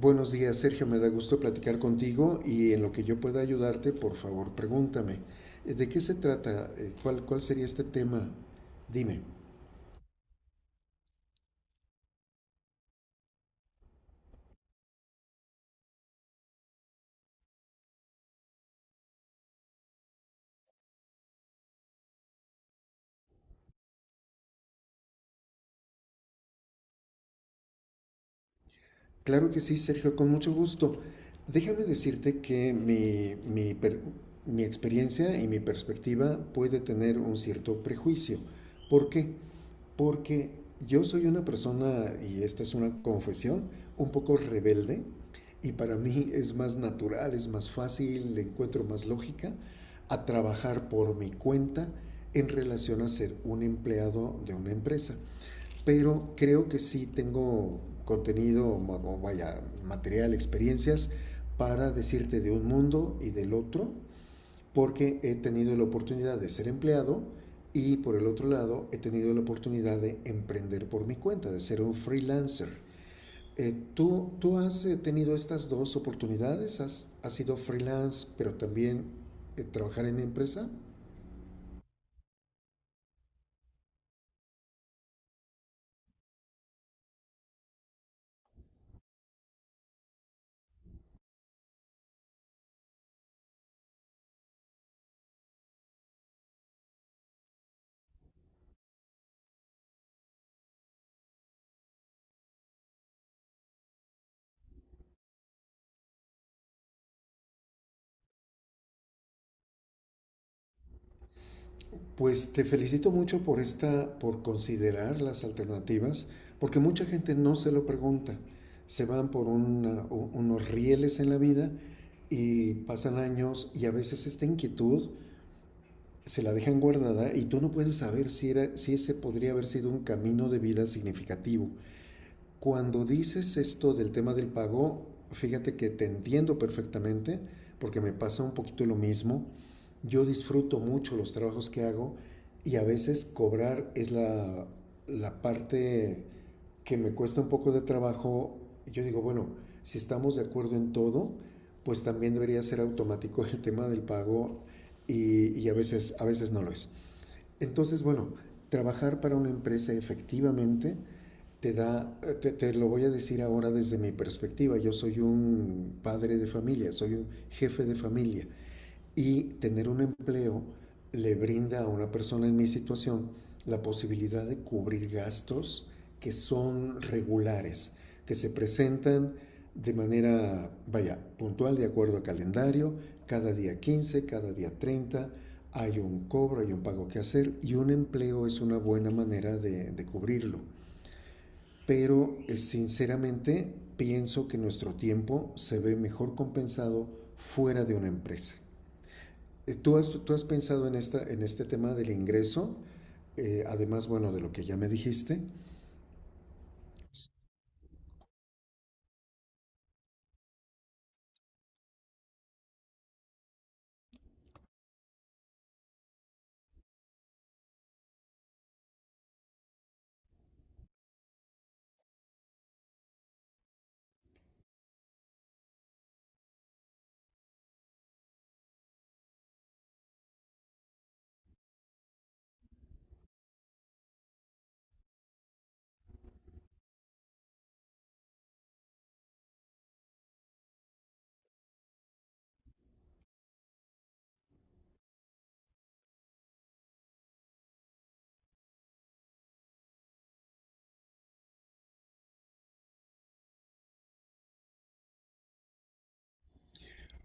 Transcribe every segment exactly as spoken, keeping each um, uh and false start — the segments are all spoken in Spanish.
Buenos días, Sergio. Me da gusto platicar contigo y en lo que yo pueda ayudarte, por favor, pregúntame. Eh, ¿De qué se trata? Eh, ¿Cuál, cuál sería este tema? Dime. Claro que sí, Sergio, con mucho gusto. Déjame decirte que mi, mi per- mi experiencia y mi perspectiva puede tener un cierto prejuicio. ¿Por qué? Porque yo soy una persona, y esta es una confesión, un poco rebelde, y para mí es más natural, es más fácil, le encuentro más lógica a trabajar por mi cuenta en relación a ser un empleado de una empresa. Pero creo que sí tengo contenido, vaya, material, experiencias para decirte de un mundo y del otro porque he tenido la oportunidad de ser empleado y por el otro lado he tenido la oportunidad de emprender por mi cuenta, de ser un freelancer. Eh, ¿tú, ¿Tú has eh, tenido estas dos oportunidades? ¿Has, has sido freelance pero también eh, trabajar en empresa? Pues te felicito mucho por esta, por considerar las alternativas, porque mucha gente no se lo pregunta. Se van por una, unos rieles en la vida y pasan años y a veces esta inquietud se la dejan guardada y tú no puedes saber si, era, si ese podría haber sido un camino de vida significativo. Cuando dices esto del tema del pago, fíjate que te entiendo perfectamente porque me pasa un poquito lo mismo. Yo disfruto mucho los trabajos que hago y a veces cobrar es la, la parte que me cuesta un poco de trabajo. Yo digo, bueno, si estamos de acuerdo en todo, pues también debería ser automático el tema del pago y, y, a, veces, a veces no lo es. Entonces, bueno, trabajar para una empresa efectivamente te da, eh, te, te, lo voy a decir ahora desde mi perspectiva, yo soy un padre de familia, soy un jefe de familia. Y tener un empleo le brinda a una persona en mi situación la posibilidad de cubrir gastos que son regulares, que se presentan de manera, vaya, puntual, de acuerdo a calendario, cada día quince, cada día treinta hay un cobro, hay un pago que hacer y un empleo es una buena manera de, de cubrirlo. Pero eh, sinceramente pienso que nuestro tiempo se ve mejor compensado fuera de una empresa. Eh, ¿Tú has, tú has pensado en, esta, en este tema del ingreso? Eh, además, bueno, de lo que ya me dijiste.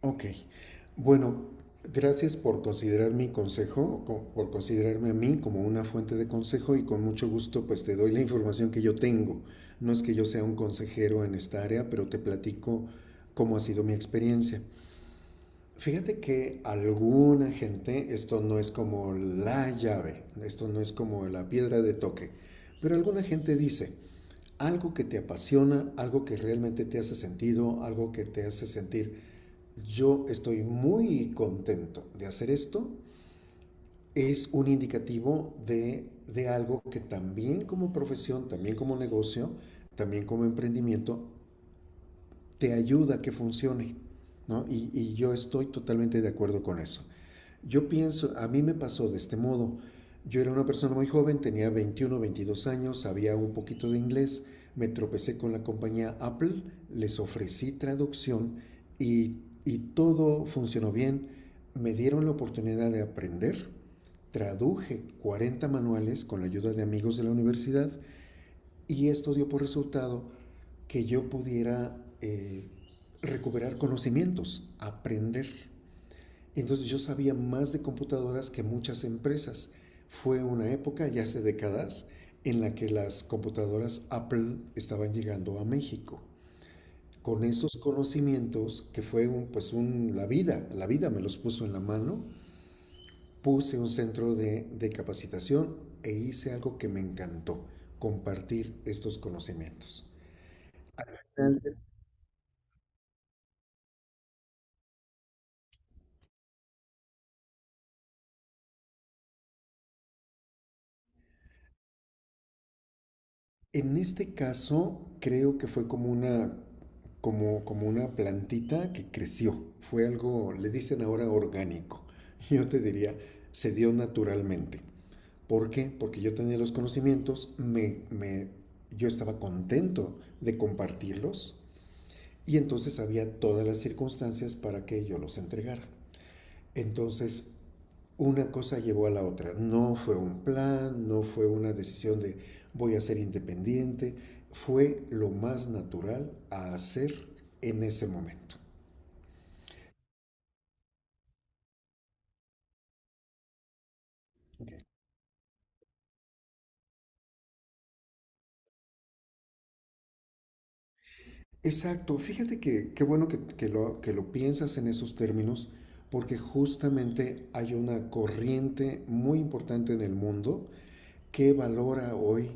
Ok. Bueno, gracias por considerar mi consejo, co- por considerarme a mí como una fuente de consejo y con mucho gusto pues te doy la información que yo tengo. No es que yo sea un consejero en esta área, pero te platico cómo ha sido mi experiencia. Fíjate que alguna gente, esto no es como la llave, esto no es como la piedra de toque, pero alguna gente dice, algo que te apasiona, algo que realmente te hace sentido, algo que te hace sentir, yo estoy muy contento de hacer esto, es un indicativo de, de algo que también como profesión, también como negocio, también como emprendimiento, te ayuda a que funcione. ¿No? Y, y yo estoy totalmente de acuerdo con eso. Yo pienso, a mí me pasó de este modo. Yo era una persona muy joven, tenía veintiuno, veintidós años, sabía un poquito de inglés, me tropecé con la compañía Apple, les ofrecí traducción y, y todo funcionó bien. Me dieron la oportunidad de aprender, traduje cuarenta manuales con la ayuda de amigos de la universidad y esto dio por resultado que yo pudiera eh, recuperar conocimientos, aprender. Entonces yo sabía más de computadoras que muchas empresas. Fue una época, ya hace décadas, en la que las computadoras Apple estaban llegando a México. Con esos conocimientos, que fue un, pues un, la vida, la vida me los puso en la mano, puse un centro de, de capacitación e hice algo que me encantó, compartir estos conocimientos. En este caso, creo que fue como una, como, como una plantita que creció. Fue algo, le dicen ahora orgánico. Yo te diría, se dio naturalmente. ¿Por qué? Porque yo tenía los conocimientos, me, me, yo estaba contento de compartirlos y entonces había todas las circunstancias para que yo los entregara. Entonces, una cosa llevó a la otra. No fue un plan, no fue una decisión de voy a ser independiente, fue lo más natural a hacer en ese momento. Ok. Exacto, fíjate que qué bueno que, que lo, que lo piensas en esos términos, porque justamente hay una corriente muy importante en el mundo que valora hoy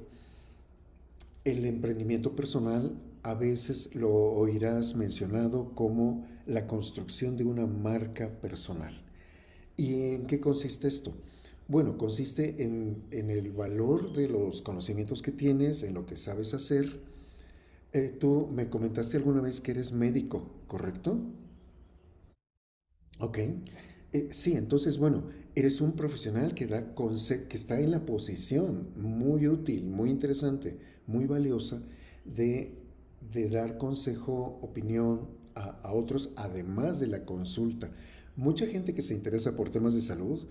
el emprendimiento personal. A veces lo oirás mencionado como la construcción de una marca personal. ¿Y en qué consiste esto? Bueno, consiste en, en el valor de los conocimientos que tienes, en lo que sabes hacer. Eh, tú me comentaste alguna vez que eres médico, ¿correcto? Ok. Eh, sí, entonces, bueno, eres un profesional que, da conse- que está en la posición muy útil, muy interesante, muy valiosa de, de dar consejo, opinión a, a otros, además de la consulta. Mucha gente que se interesa por temas de salud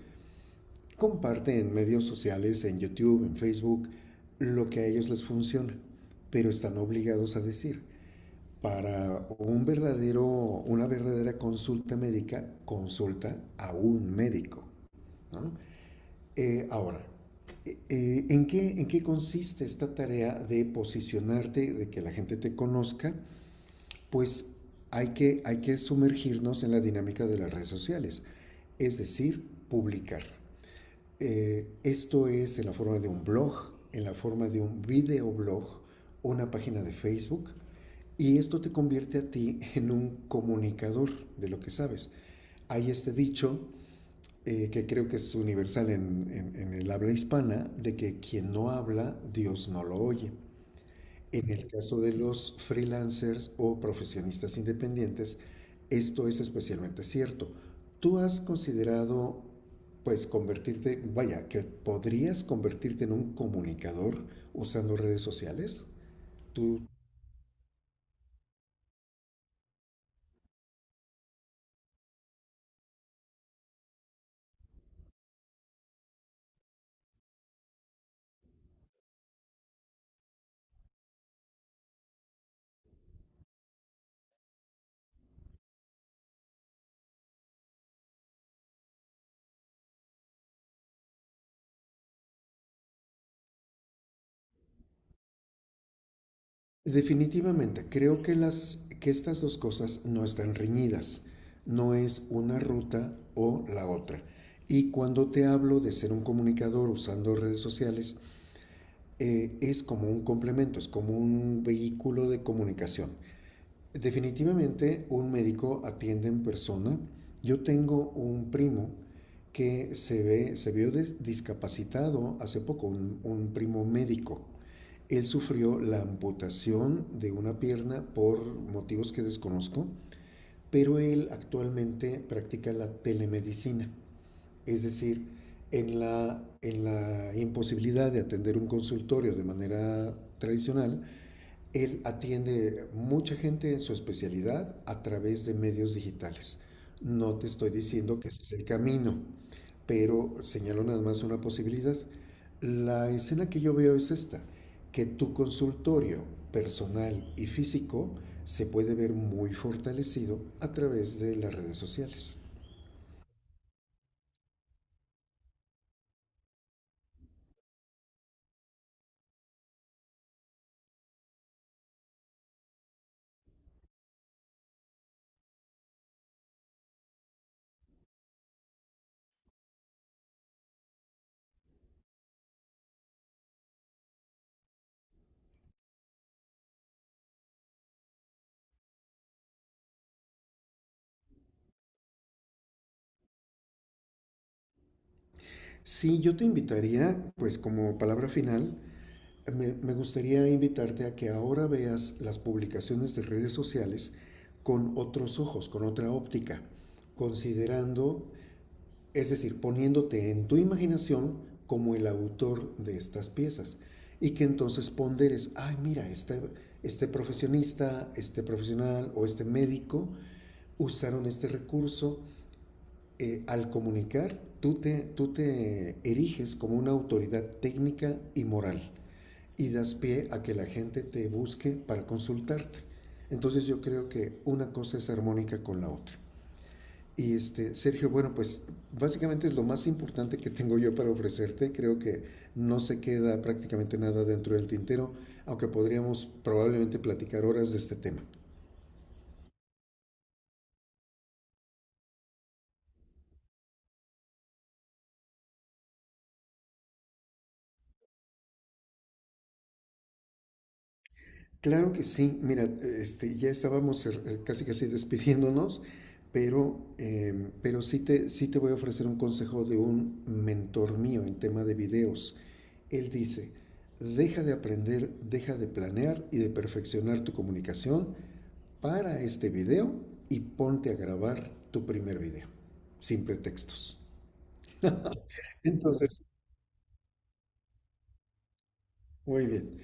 comparte en medios sociales, en YouTube, en Facebook, lo que a ellos les funciona, pero están obligados a decir: para un verdadero, una verdadera consulta médica, consulta a un médico. ¿No? Eh, ahora, eh, eh, ¿en, qué, ¿en qué consiste esta tarea de posicionarte, de que la gente te conozca? Pues hay que, hay que sumergirnos en la dinámica de las redes sociales, es decir, publicar. Eh, esto es en la forma de un blog, en la forma de un videoblog, una página de Facebook, y esto te convierte a ti en un comunicador de lo que sabes. Hay este dicho eh, que creo que es universal en, en, en el habla hispana, de que quien no habla, Dios no lo oye. En el caso de los freelancers o profesionistas independientes, esto es especialmente cierto. ¿Tú has considerado, pues, convertirte, vaya, que podrías convertirte en un comunicador usando redes sociales? Tú, Definitivamente, creo que las, que estas dos cosas no están reñidas. No es una ruta o la otra. Y cuando te hablo de ser un comunicador usando redes sociales, eh, es como un complemento, es como un vehículo de comunicación. Definitivamente un médico atiende en persona. Yo tengo un primo que se, ve, se vio des, discapacitado hace poco, un, un primo médico. Él sufrió la amputación de una pierna por motivos que desconozco, pero él actualmente practica la telemedicina. Es decir, en la, en la imposibilidad de atender un consultorio de manera tradicional, él atiende mucha gente en su especialidad a través de medios digitales. No te estoy diciendo que ese es el camino, pero señalo nada más una posibilidad. La escena que yo veo es esta, que tu consultorio personal y físico se puede ver muy fortalecido a través de las redes sociales. Sí, yo te invitaría, pues como palabra final, me, me gustaría invitarte a que ahora veas las publicaciones de redes sociales con otros ojos, con otra óptica, considerando, es decir, poniéndote en tu imaginación como el autor de estas piezas y que entonces ponderes, ay, mira, este, este, profesionista, este profesional o este médico usaron este recurso eh, al comunicar, tú te, tú te eriges como una autoridad técnica y moral y das pie a que la gente te busque para consultarte. Entonces yo creo que una cosa es armónica con la otra. Y este, Sergio, bueno, pues básicamente es lo más importante que tengo yo para ofrecerte. Creo que no se queda prácticamente nada dentro del tintero, aunque podríamos probablemente platicar horas de este tema. Claro que sí, mira, este, ya estábamos eh, casi casi despidiéndonos, pero, eh, pero sí te, sí te voy a ofrecer un consejo de un mentor mío en tema de videos. Él dice, deja de aprender, deja de planear y de perfeccionar tu comunicación para este video y ponte a grabar tu primer video, sin pretextos. Entonces, muy bien.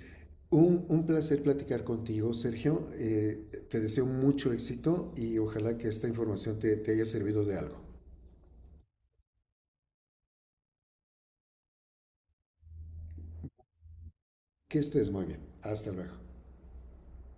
Un, un placer platicar contigo, Sergio. Eh, te deseo mucho éxito y ojalá que esta información te, te haya servido de algo. Que estés muy bien. Hasta luego.